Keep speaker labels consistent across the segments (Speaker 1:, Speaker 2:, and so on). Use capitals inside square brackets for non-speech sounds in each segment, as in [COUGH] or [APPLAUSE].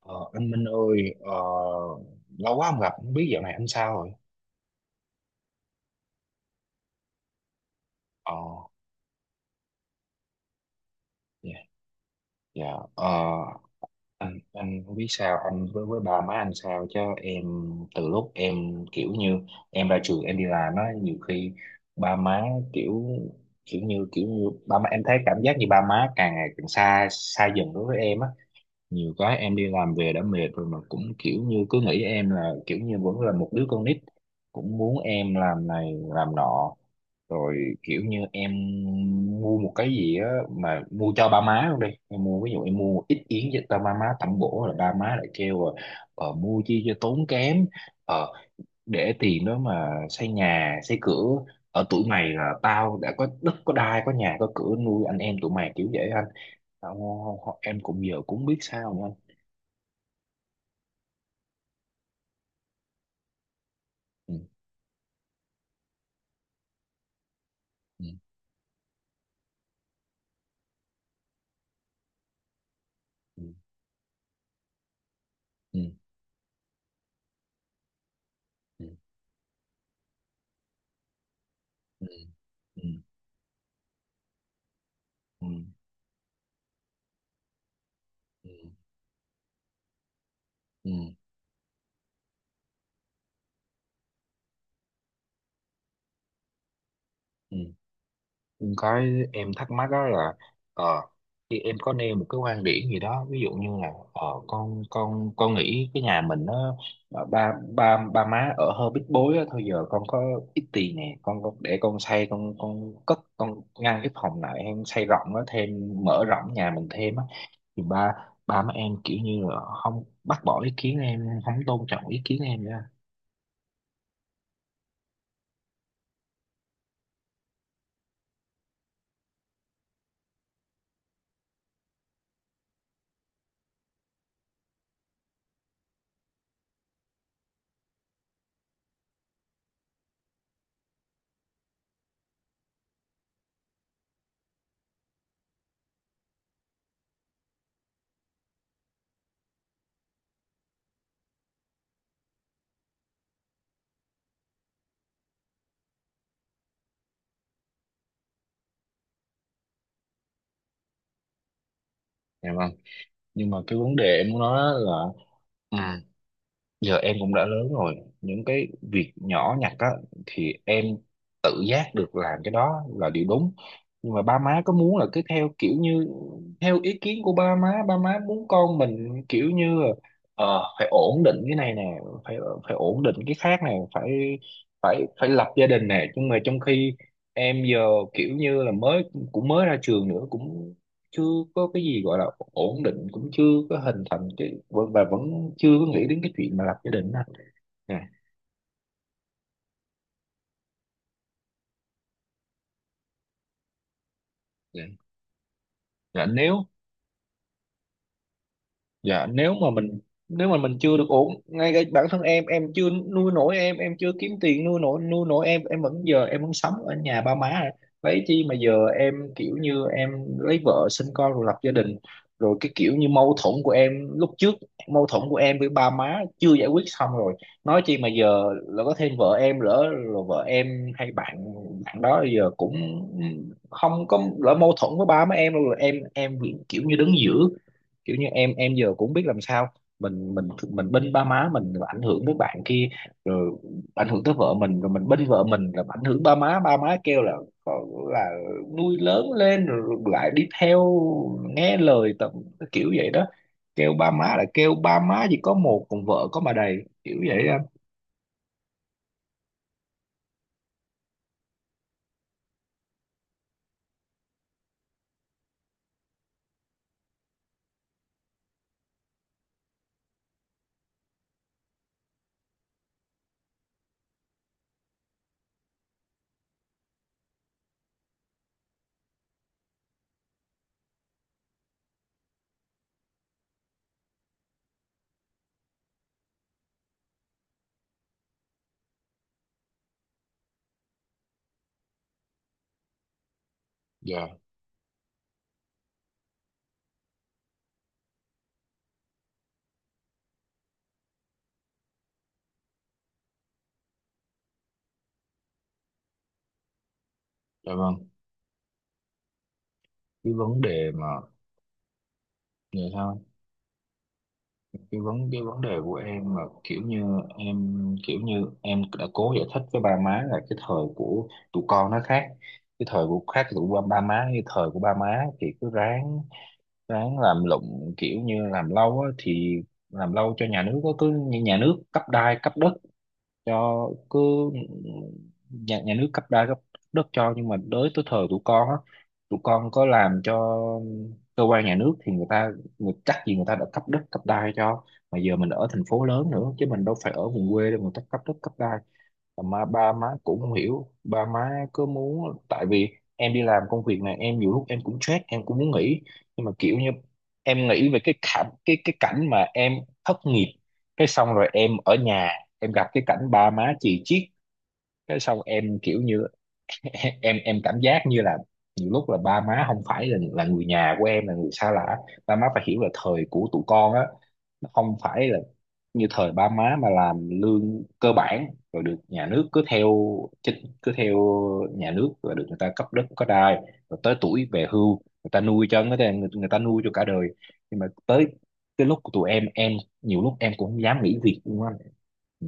Speaker 1: Ờ, anh Minh ơi, lâu quá không gặp, không biết dạo này anh sao rồi? Ờ. Dạ. Dạ. Ờ. Anh không biết sao, anh với ba má anh sao chứ em? Từ lúc em kiểu như em ra trường em đi làm á, nhiều khi ba má kiểu kiểu như ba má em thấy cảm giác như ba má càng ngày càng xa xa dần đối với em á. Nhiều cái em đi làm về đã mệt rồi mà cũng kiểu như cứ nghĩ em là kiểu như vẫn là một đứa con nít, cũng muốn em làm này làm nọ, rồi kiểu như em mua một cái gì á mà mua cho ba má luôn đi, em mua, ví dụ em mua ít yến cho ba má tẩm bổ là ba má lại kêu là mua chi cho tốn kém, ờ, để tiền đó mà xây nhà xây cửa, ở tuổi mày là tao đã có đất có đai có nhà có cửa nuôi anh em tụi mày, kiểu vậy anh. Em cũng giờ cũng biết sao nữa anh. Ừ. Ừ. Ừ. Ừ. Ừ. Ừ. Ừ. Ừ. Ừ. Ừ. Ừ. Cái em thắc mắc đó là, ờ, khi em có nêu một cái quan điểm gì đó, ví dụ như là con nghĩ cái nhà mình nó ba ba ba má ở hơi bít bối á, thôi giờ con có ít tiền nè, con để con xây, con cất, con ngăn cái phòng lại, em xây rộng nó thêm, mở rộng nhà mình thêm á, thì ba ba má em kiểu như là không, bác bỏ ý kiến em, không tôn trọng ý kiến em nữa. Dạ vâng. Nhưng mà cái vấn đề em muốn nói là, ừ, giờ em cũng đã lớn rồi. Những cái việc nhỏ nhặt á thì em tự giác được, làm cái đó là điều đúng. Nhưng mà ba má có muốn là cứ theo kiểu như theo ý kiến của ba má, ba má muốn con mình kiểu như là, phải ổn định cái này nè, phải phải ổn định cái khác nè, phải phải phải lập gia đình nè, nhưng mà trong khi em giờ kiểu như là mới, cũng mới ra trường nữa, cũng chưa có cái gì gọi là ổn định, cũng chưa có hình thành cái và vẫn chưa có nghĩ đến cái chuyện mà lập gia đình đó nè, nè. Dạ. Dạ. Dạ. Nếu mà mình chưa được ổn ngay, cái bản thân em chưa nuôi nổi em chưa kiếm tiền nuôi nổi, nuôi nổi em, em vẫn giờ, em vẫn sống ở nhà ba má rồi. Vậy chi mà giờ em kiểu như em lấy vợ sinh con rồi lập gia đình, rồi cái kiểu như mâu thuẫn của em lúc trước, mâu thuẫn của em với ba má chưa giải quyết xong, rồi nói chi mà giờ là có thêm vợ em lỡ rồi, vợ em hay bạn bạn đó giờ cũng không có, lỡ mâu thuẫn với ba má em rồi, em kiểu như đứng giữa, kiểu như em giờ cũng biết làm sao, mình bênh ba má mình rồi ảnh hưởng tới bạn kia, rồi ảnh hưởng tới vợ mình, rồi mình bênh vợ mình rồi ảnh hưởng ba má, ba má kêu là là nuôi lớn lên rồi lại đi theo nghe lời tầm, kiểu vậy đó, kêu ba má là, kêu ba má chỉ có một còn vợ có mà đầy, kiểu vậy anh. Dạ, dạ vâng. Cái vấn đề mà người ta cái vấn đề của em mà kiểu như em, kiểu như em đã cố giải thích với ba má là cái thời của tụi con nó khác, cái thời của khác tụi ba má, như thời của ba má thì cứ ráng, ráng làm lụng kiểu như làm lâu á, thì làm lâu cho nhà nước á, cứ như nhà nước cấp đai cấp đất cho, cứ nhà nhà nước cấp đai cấp đất cho, nhưng mà tới tới thời tụi con á, tụi con có làm cho cơ quan nhà nước thì người ta người chắc gì người ta đã cấp đất cấp đai cho, mà giờ mình ở thành phố lớn nữa chứ mình đâu phải ở vùng quê đâu mà người ta cấp đất cấp đai. Mà ba má cũng không hiểu, ba má cứ muốn, tại vì em đi làm công việc này em nhiều lúc em cũng stress, em cũng muốn nghỉ, nhưng mà kiểu như em nghĩ về cái cảnh, cái cảnh mà em thất nghiệp, cái xong rồi em ở nhà em gặp cái cảnh ba má chì chiết, cái xong em kiểu như [LAUGHS] em cảm giác như là nhiều lúc là ba má không phải là người nhà của em, là người xa lạ. Ba má phải hiểu là thời của tụi con á, nó không phải là như thời ba má mà làm lương cơ bản rồi được nhà nước cứ theo chính cứ theo nhà nước rồi được người ta cấp đất có đai, rồi tới tuổi về hưu người ta nuôi cho, người ta nuôi cho cả đời, nhưng mà tới cái lúc của tụi em nhiều lúc em cũng không dám nghỉ việc luôn á. Ừ.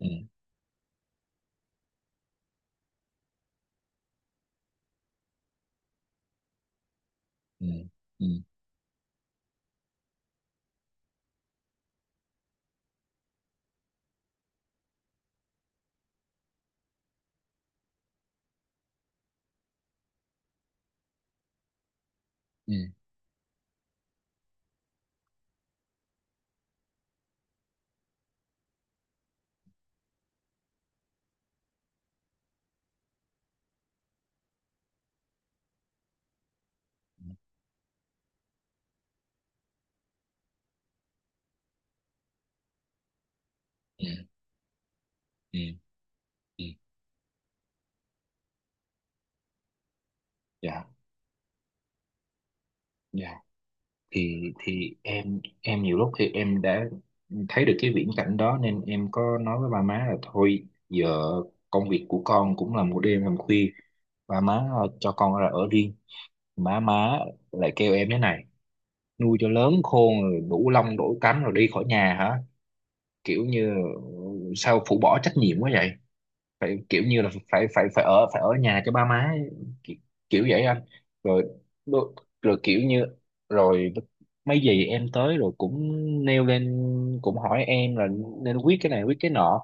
Speaker 1: Ừ. Ừ. Ừ. Ừ. Ừ. Ừ. Ừ. Ừ. Dạ. Dạ. Thì em nhiều lúc thì em đã thấy được cái viễn cảnh đó, nên em có nói với ba má là thôi giờ công việc của con cũng là một đêm làm khuya, ba má cho con ra ở riêng. Má má lại kêu em thế này, nuôi cho lớn khôn rồi đủ lông đủ cánh rồi đi khỏi nhà hả, kiểu như sao phụ bỏ trách nhiệm quá vậy, phải kiểu như là phải phải phải ở nhà cho ba má ấy, kiểu, kiểu vậy anh. Rồi đôi- rồi kiểu như, rồi mấy dì em tới rồi cũng nêu lên, cũng hỏi em là nên quyết cái này quyết cái nọ,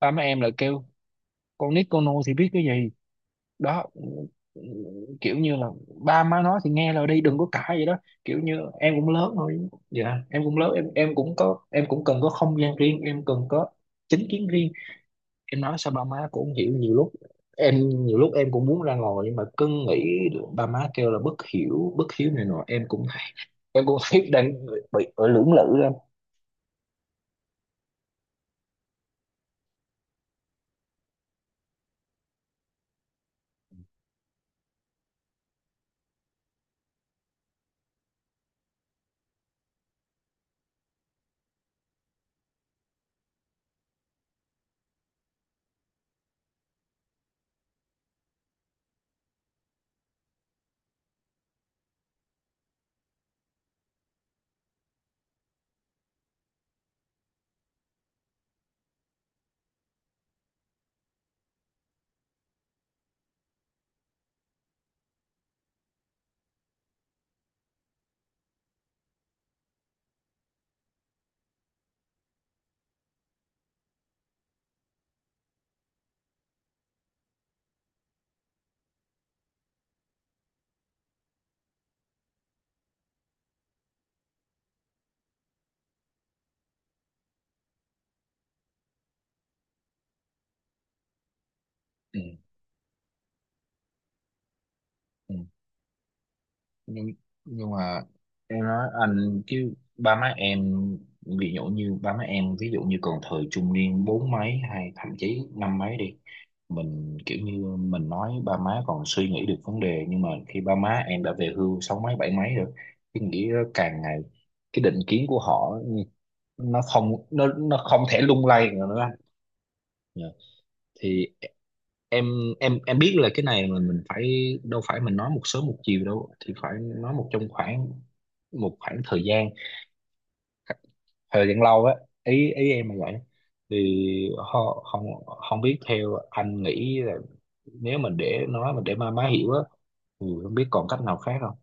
Speaker 1: ba má em là kêu con nít con nô thì biết cái gì đó, kiểu như là ba má nói thì nghe lời đi đừng có cãi vậy đó. Kiểu như em cũng lớn rồi, dạ em cũng lớn, em cũng có, em cũng cần có không gian riêng, em cần có chính kiến riêng. Em nói sao ba má cũng không hiểu nhiều lúc, em nhiều lúc em cũng muốn ra ngồi nhưng mà cứ nghĩ được ba má kêu là bất hiếu này nọ, em cũng [LAUGHS] thấy đang bị ở lưỡng lự lắm. Ừ. nhưng nhưng mà em nói anh chứ ba má em, ví dụ như ba má em, ví dụ như còn thời trung niên bốn mấy hay thậm chí năm mấy đi, mình kiểu như mình nói ba má còn suy nghĩ được vấn đề, nhưng mà khi ba má em đã về hưu sáu mấy bảy mấy rồi, cái nghĩ đó càng ngày, cái định kiến của họ, nó không thể lung lay nữa đó. Dạ. Thì em em biết là cái này mà mình phải, đâu phải mình nói một sớm một chiều đâu, thì phải nói một, trong khoảng một khoảng thời gian, thời gian lâu á, ý ý em là vậy. Thì ho- không không biết theo anh nghĩ là, nếu mình để nó, mình để má má hiểu á, thì không biết còn cách nào khác không,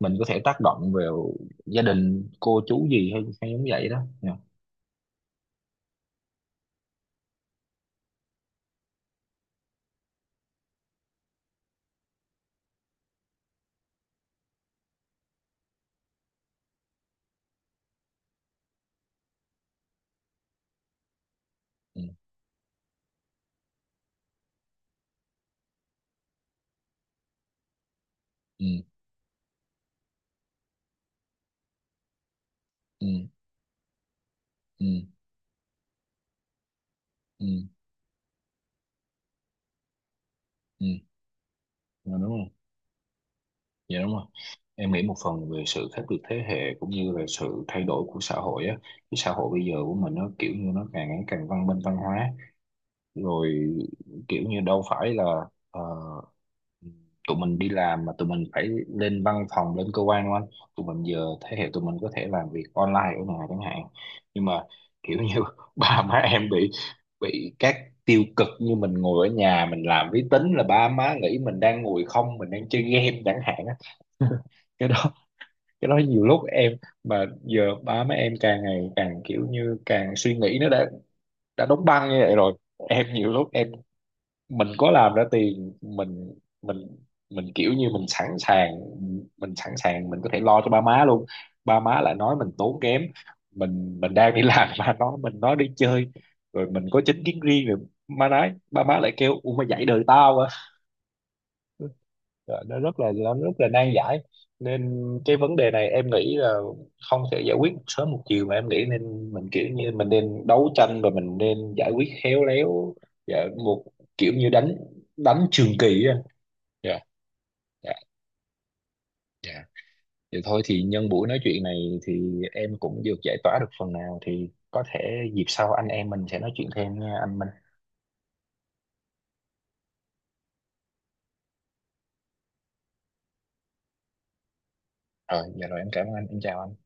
Speaker 1: mình có thể tác động vào gia đình cô chú gì hay, hay giống vậy đó nha. Ừ. Ừ. Ừ. Ừ. Ừ. Ừ. Dạ, đúng rồi, dạ đúng rồi, em nghĩ một phần về sự khác biệt thế hệ cũng như là sự thay đổi của xã hội á, cái xã hội bây giờ của mình nó kiểu như nó càng ngày càng văn minh văn hóa rồi, kiểu như đâu phải là ờ, tụi mình đi làm mà tụi mình phải lên văn phòng lên cơ quan đúng không anh? Tụi mình giờ thế hệ tụi mình có thể làm việc online ở nhà chẳng hạn, nhưng mà kiểu như [LAUGHS] ba má em bị các tiêu cực như mình ngồi ở nhà mình làm máy tính là ba má nghĩ mình đang ngồi không, mình đang chơi game chẳng hạn á. [LAUGHS] Cái đó, cái đó nhiều lúc em, mà giờ ba má em càng ngày càng kiểu như càng suy nghĩ nó đã đóng băng như vậy rồi. Em nhiều lúc em, mình có làm ra tiền mình, mình mình kiểu như mình sẵn sàng, mình sẵn sàng mình có thể lo cho ba má luôn, ba má lại nói mình tốn kém, mình đang đi làm [LAUGHS] mà nó, mình nói đi chơi, rồi mình có chính kiến riêng rồi, má nói, ba má lại kêu u mày dạy đời tao à. Rồi nó rất là, nó rất là nan giải, nên cái vấn đề này em nghĩ là không thể giải quyết một sớm một chiều, mà em nghĩ nên mình kiểu như mình nên đấu tranh, và mình nên giải quyết khéo léo và một, kiểu như đánh, đánh trường kỳ. Dạ. Dạ. Dạ. Vậy thôi thì nhân buổi nói chuyện này thì em cũng được giải tỏa được phần nào, thì có thể dịp sau anh em mình sẽ nói chuyện thêm nha anh Minh. Rồi dạ rồi em cảm ơn anh, em chào anh.